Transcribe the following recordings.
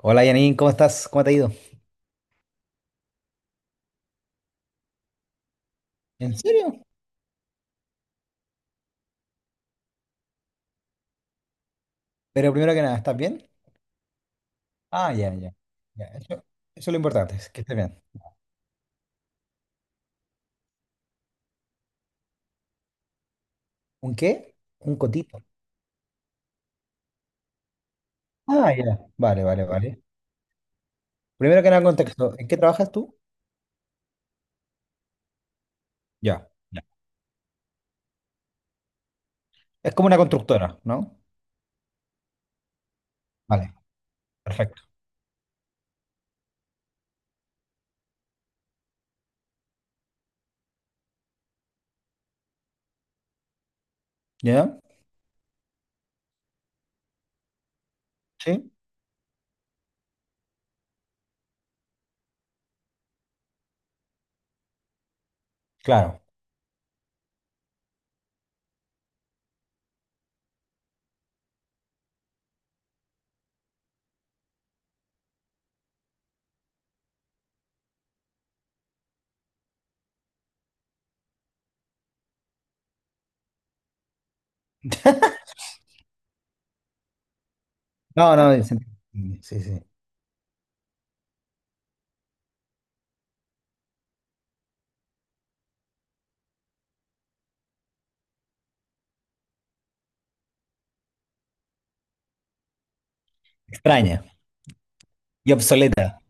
Hola Janine, ¿cómo estás? ¿Cómo te ha ido? ¿En serio? Pero primero que nada, ¿estás bien? Ah, ya, ya. Ya, eso es lo importante, es que estés bien. ¿Un qué? Un cotito. Ah, ya. Vale, vale, vale. Primero que nada, contexto. ¿En qué trabajas tú? Ya. Ya. Es como una constructora, ¿no? Vale, perfecto. ¿Ya? Sí, claro. No, no, es- Sí, sí. Extraña y obsoleta.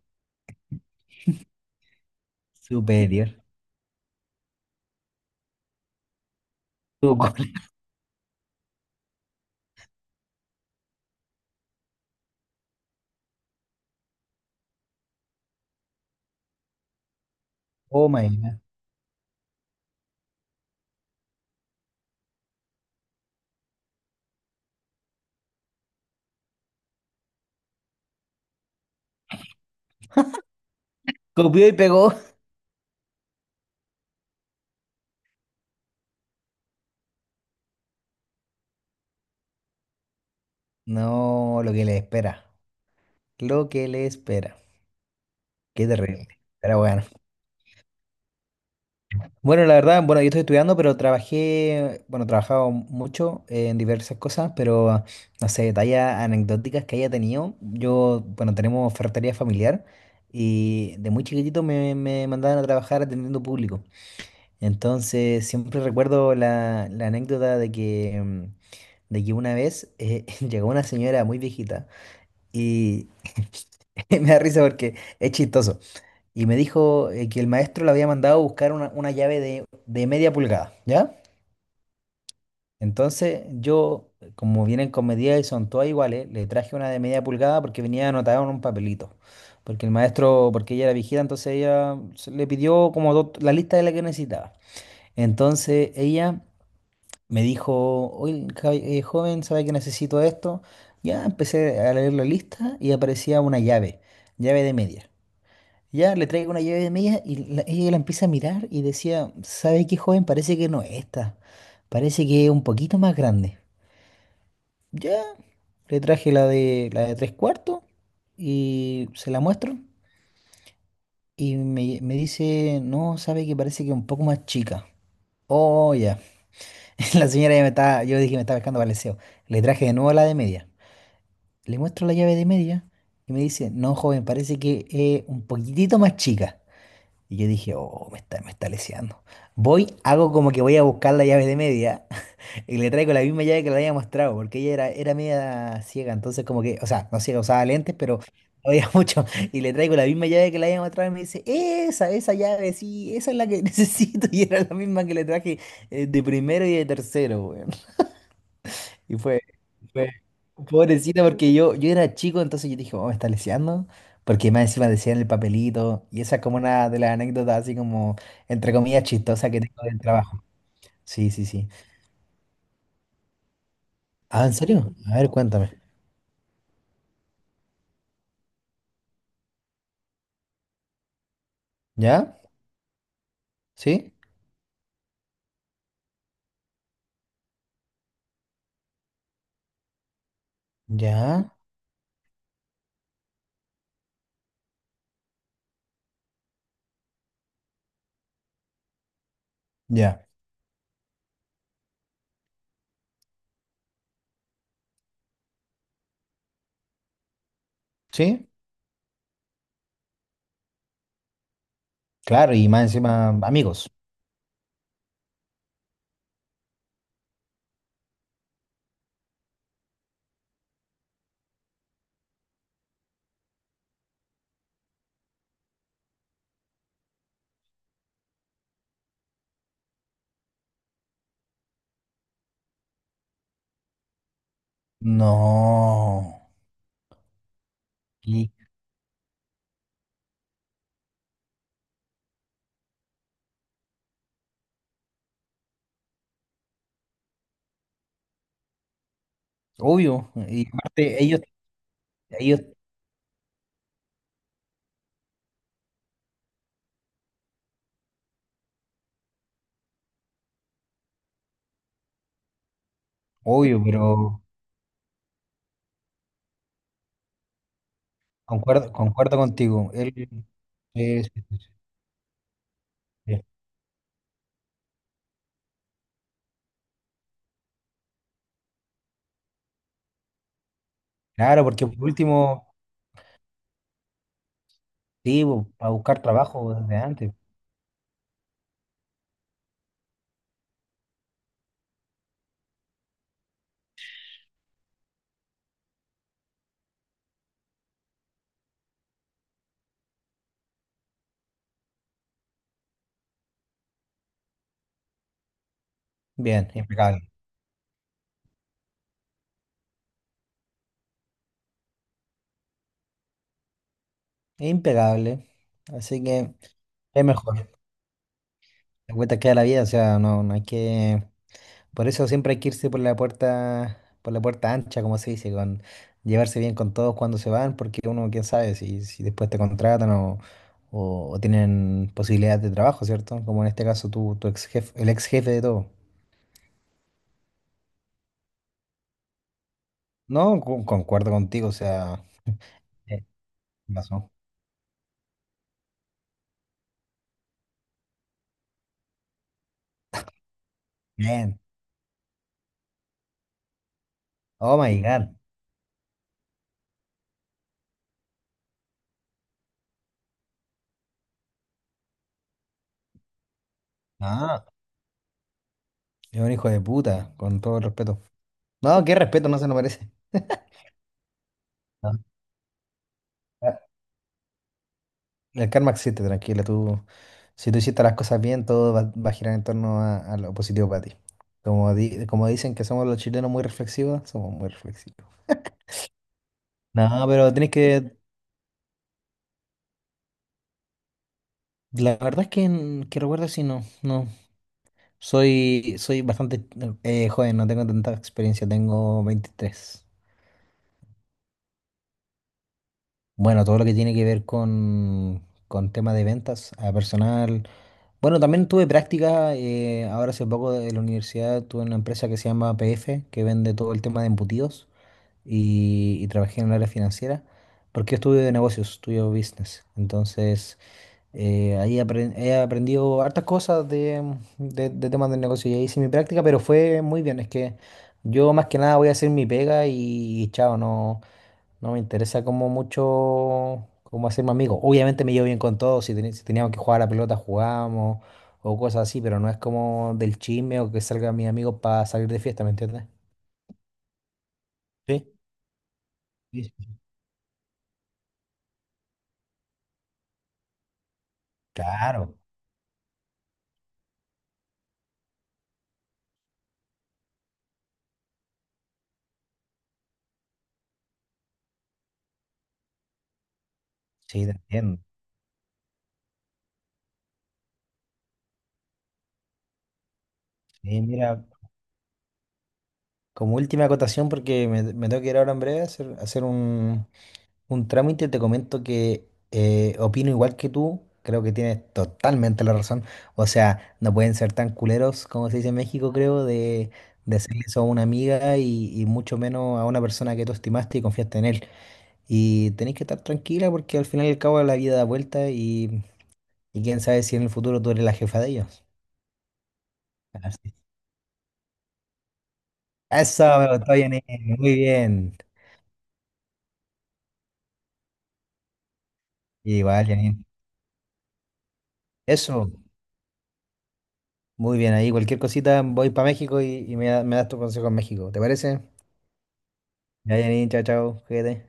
Superior. Tu co- Oh my God. Copió y pegó. No, lo que le espera. Lo que le espera. Qué terrible. Pero bueno. Bueno, la verdad, bueno, yo estoy estudiando, pero trabajé, bueno, he trabajado mucho en diversas cosas, pero no sé, detalles anecdóticas que haya tenido. Yo, bueno, tenemos ferretería familiar y de muy chiquitito me mandaban a trabajar atendiendo público. Entonces, siempre recuerdo la anécdota de que, de que una vez llegó una señora muy viejita y me da risa porque es chistoso. Y me dijo que el maestro le había mandado a buscar una llave de media pulgada, ¿ya? Entonces yo, como vienen con medidas y son todas iguales, le traje una de media pulgada porque venía anotada en un papelito. Porque el maestro, porque ella era vigila, entonces le pidió como la lista de la que necesitaba. Entonces ella me dijo, oye, joven, ¿sabe que necesito esto? Ya empecé a leer la lista y aparecía una llave, llave de media. Ya le traigo una llave de media y ella la empieza a mirar y decía, ¿sabe qué, joven? Parece que no es esta. Parece que es un poquito más grande. Ya, le traje la de tres cuartos y se la muestro. Y me dice, no, sabe que parece que es un poco más chica. Oh, ya. La señora ya me estaba, yo dije, me estaba pescando baleseo. Le traje de nuevo la de media. Le muestro la llave de media y me dice, no, joven, parece que es un poquitito más chica. Y yo dije, oh, me está leseando. Voy, hago como que voy a buscar la llave de media y le traigo la misma llave que le había mostrado, porque ella era, era media ciega, entonces como que, o sea, no ciega, usaba lentes, pero no veía mucho. Y le traigo la misma llave que le había mostrado y me dice, esa llave, sí, esa es la que necesito. Y era la misma que le traje de primero y de tercero, y fue pobrecita porque yo era chico, entonces yo dije, oh, me está leseando. Porque más encima decía en el papelito. Y esa es como una de las anécdotas así como, entre comillas, chistosa que tengo del trabajo. Sí, sí, sí. Ah, ¿en serio? A ver, cuéntame. ¿Ya? ¿Sí? ¿Ya? ¿Ya? ¿Sí? Claro, y más encima, amigos. No. Y, obvio. Y aparte, ellos, obvio, pero concuerdo, concuerdo contigo. Él, es Claro, porque por último, sí, para buscar trabajo desde antes. Bien, impecable. Impecable. Así que es mejor. La vuelta queda la vida, o sea, no, no hay que. Por eso siempre hay que irse por la puerta ancha, como se dice, con llevarse bien con todos cuando se van, porque uno, quién sabe, si después te contratan o tienen posibilidades de trabajo, ¿cierto? Como en este caso tu ex jefe, el ex jefe de todo. No, concuerdo contigo, o sea, eh, ¿qué pasó? Bien. Oh my God. Ah, es un hijo de puta, con todo el respeto. No, qué respeto, no se nos parece. Ah, ah, el karma existe, tranquila. Tú, si tú hiciste las cosas bien, todo va, va a girar en torno a lo positivo para ti. Como, como dicen que somos los chilenos muy reflexivos, somos muy reflexivos. No, pero tenés que. La verdad es que, que recuerdo si no, no. Soy bastante joven, no tengo tanta experiencia, tengo 23. Bueno, todo lo que tiene que ver con tema de ventas a personal. Bueno, también tuve práctica, ahora hace poco de la universidad tuve una empresa que se llama PF, que vende todo el tema de embutidos y trabajé en el área financiera, porque yo estudio de negocios, estudio business. Entonces, ahí he aprendido hartas cosas de, de temas de negocio y ahí hice mi práctica, pero fue muy bien. Es que yo más que nada voy a hacer mi pega y chao, no. No me interesa como mucho como hacerme amigo. Obviamente me llevo bien con todos, si, si teníamos que jugar a la pelota jugábamos o cosas así, pero no es como del chisme o que salgan mis amigos para salir de fiesta, ¿me entiendes? Sí, sí, sí. Claro, sí, te entiendo. Sí, mira, como última acotación, porque me tengo que ir ahora en breve a hacer un trámite. Te comento que opino igual que tú, creo que tienes totalmente la razón. O sea, no pueden ser tan culeros como se dice en México, creo, de hacer eso a una amiga y mucho menos a una persona que tú estimaste y confiaste en él. Y tenés que estar tranquila porque al final y al cabo la vida da vuelta y quién sabe si en el futuro tú eres la jefa de ellos. Así. Eso, me gustó, Janine. Muy bien. Igual, Janine. Eso. Muy bien, ahí cualquier cosita voy para México y me das tu consejo en México. ¿Te parece? Ya, Janine, chao, chao, cuídate.